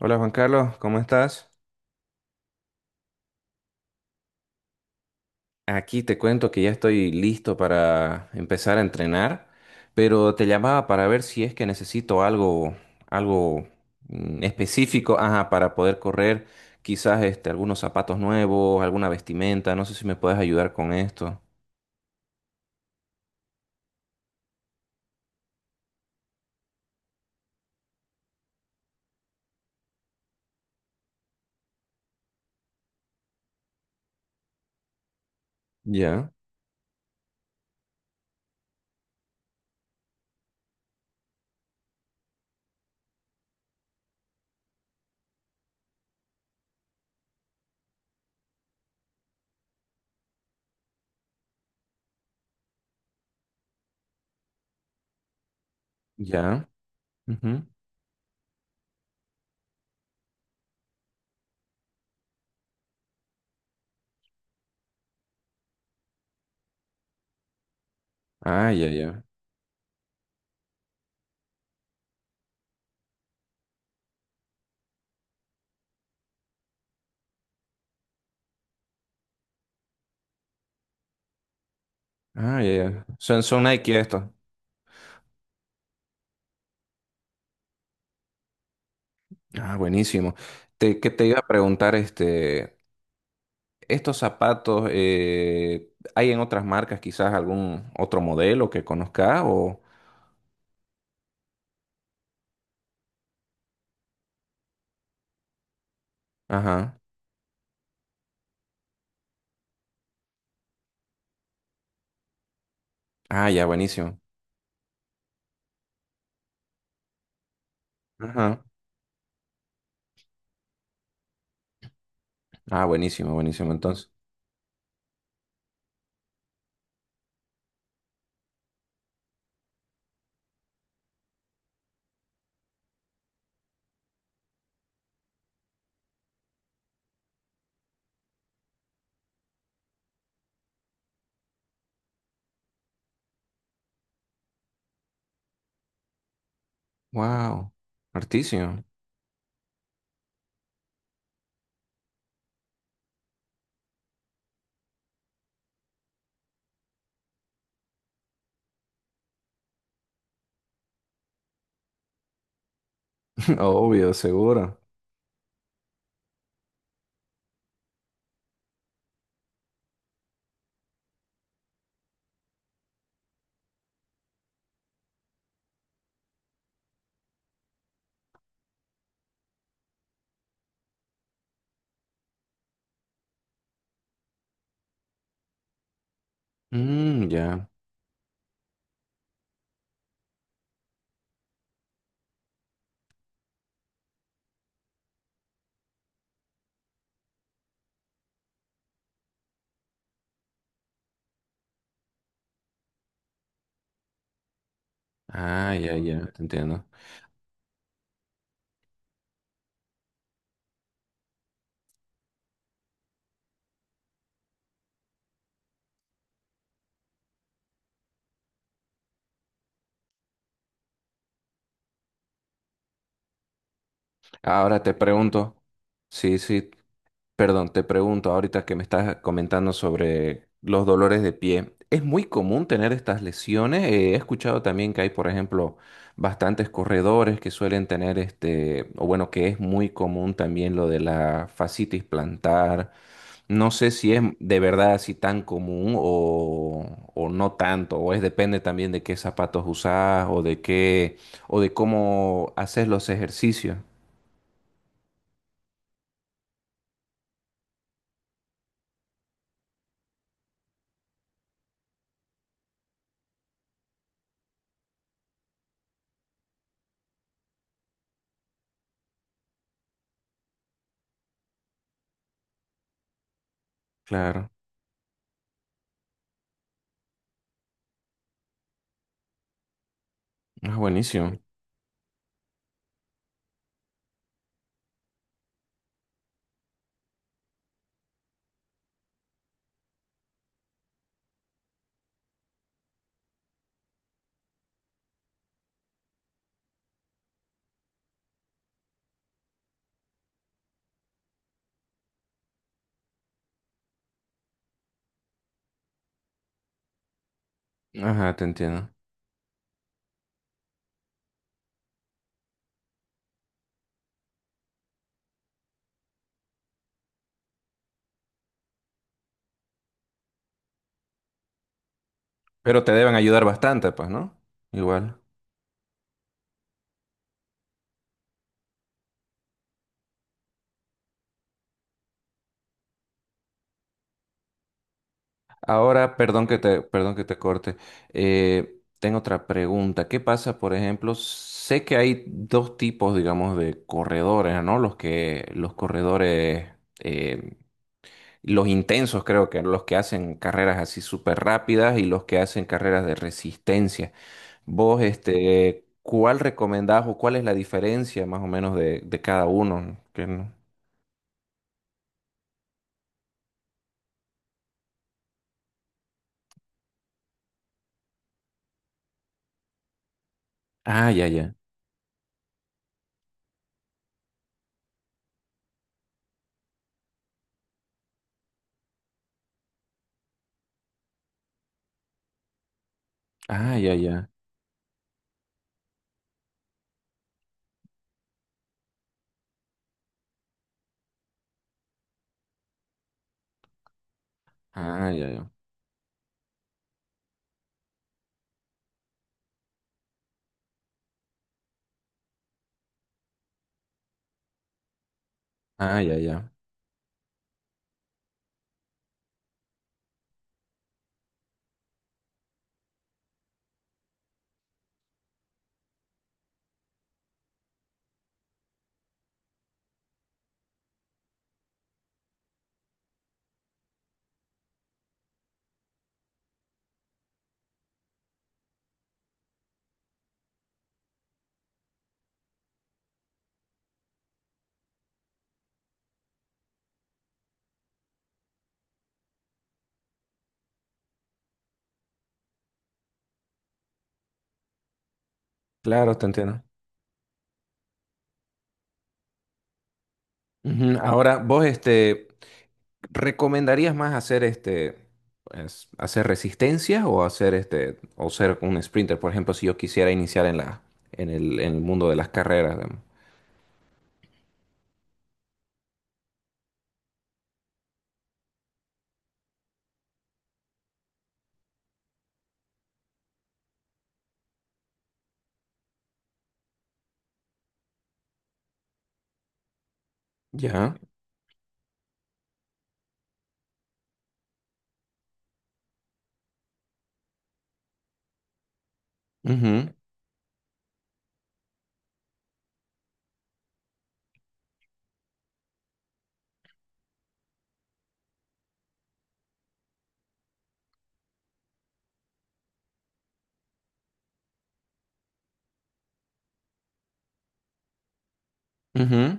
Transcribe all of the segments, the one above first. Hola Juan Carlos, ¿cómo estás? Aquí te cuento que ya estoy listo para empezar a entrenar, pero te llamaba para ver si es que necesito algo, algo específico, ajá, para poder correr, quizás algunos zapatos nuevos, alguna vestimenta, no sé si me puedes ayudar con esto. Ya, ya, ujú. Ah, ya, ya. Ah, ya, ya. Son, son Nike esto. Ah, buenísimo. Te, que te iba a preguntar, estos zapatos, ¿hay en otras marcas quizás algún otro modelo que conozca o...? Ajá. Ah, ya, buenísimo. Ajá. Ah, buenísimo, buenísimo. Entonces, wow. Artísimo. Obvio, seguro. Mm, ya. Ah, ya, ya, te entiendo. Ahora te pregunto. Sí, sí. Perdón, te pregunto ahorita que me estás comentando sobre los dolores de pie. ¿Es muy común tener estas lesiones? He escuchado también que hay, por ejemplo, bastantes corredores que suelen tener o bueno, que es muy común también lo de la fascitis plantar. No sé si es de verdad así tan común o no tanto, o es depende también de qué zapatos usás o de qué, o de cómo haces los ejercicios. Claro. Ah, buenísimo. Ajá, te entiendo. Pero te deben ayudar bastante, pues, ¿no? Igual. Ahora, perdón que te corte. Tengo otra pregunta. ¿Qué pasa, por ejemplo? Sé que hay dos tipos, digamos, de corredores, ¿no? Los que, los corredores, eh, los intensos, creo que los que hacen carreras así súper rápidas y los que hacen carreras de resistencia. Vos, ¿cuál recomendás o cuál es la diferencia más o menos de cada uno? Que no- Ah, ya, ya. Ah, ya, ya. Ah, ya, ya. Ah, ya, ya. Claro, te entiendo. Ujú. Ahora, vos, ¿recomendarías más hacer pues, hacer resistencia o hacer o ser un sprinter, por ejemplo, si yo quisiera iniciar en la, en el mundo de las carreras, digamos? Ya. Ujú, ujú.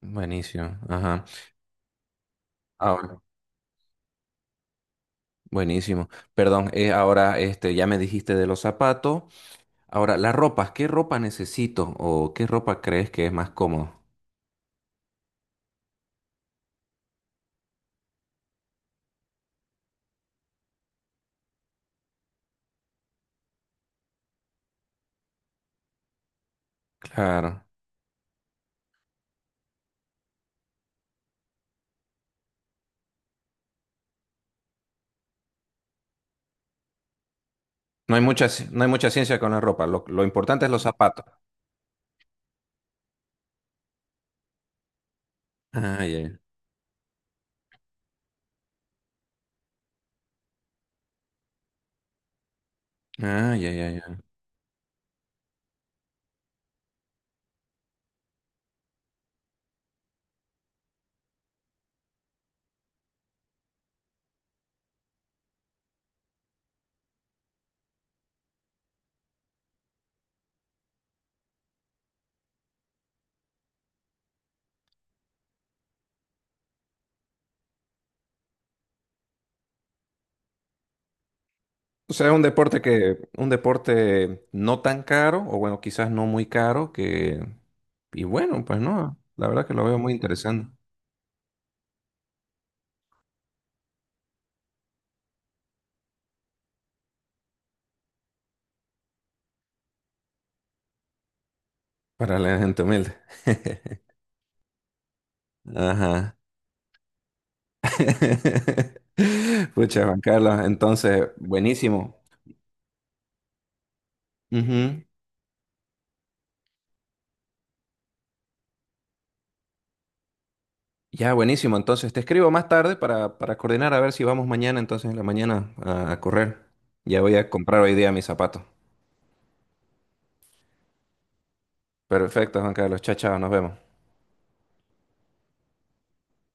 Buenísimo. Ajá. Ahora, buenísimo. Perdón, ahora, ya me dijiste de los zapatos. Ahora, las ropas, ¿qué ropa necesito o qué ropa crees que es más cómodo? Claro. No hay mucha, ci- no hay mucha ciencia con la ropa. Lo importante es los zapatos. Ay, ay, ay, ay, ay, ay. O sea, es un deporte que, un deporte no tan caro, o bueno, quizás no muy caro, que, y bueno, pues no, la verdad que lo veo muy interesante para la gente humilde. Ajá. Pucha, Juan Carlos, entonces, buenísimo. Ujú. Ya, buenísimo. Entonces te escribo más tarde para coordinar a ver si vamos mañana, entonces en la mañana a correr. Ya voy a comprar hoy día mis zapatos. Perfecto, Juan Carlos. Chao, chao, nos vemos.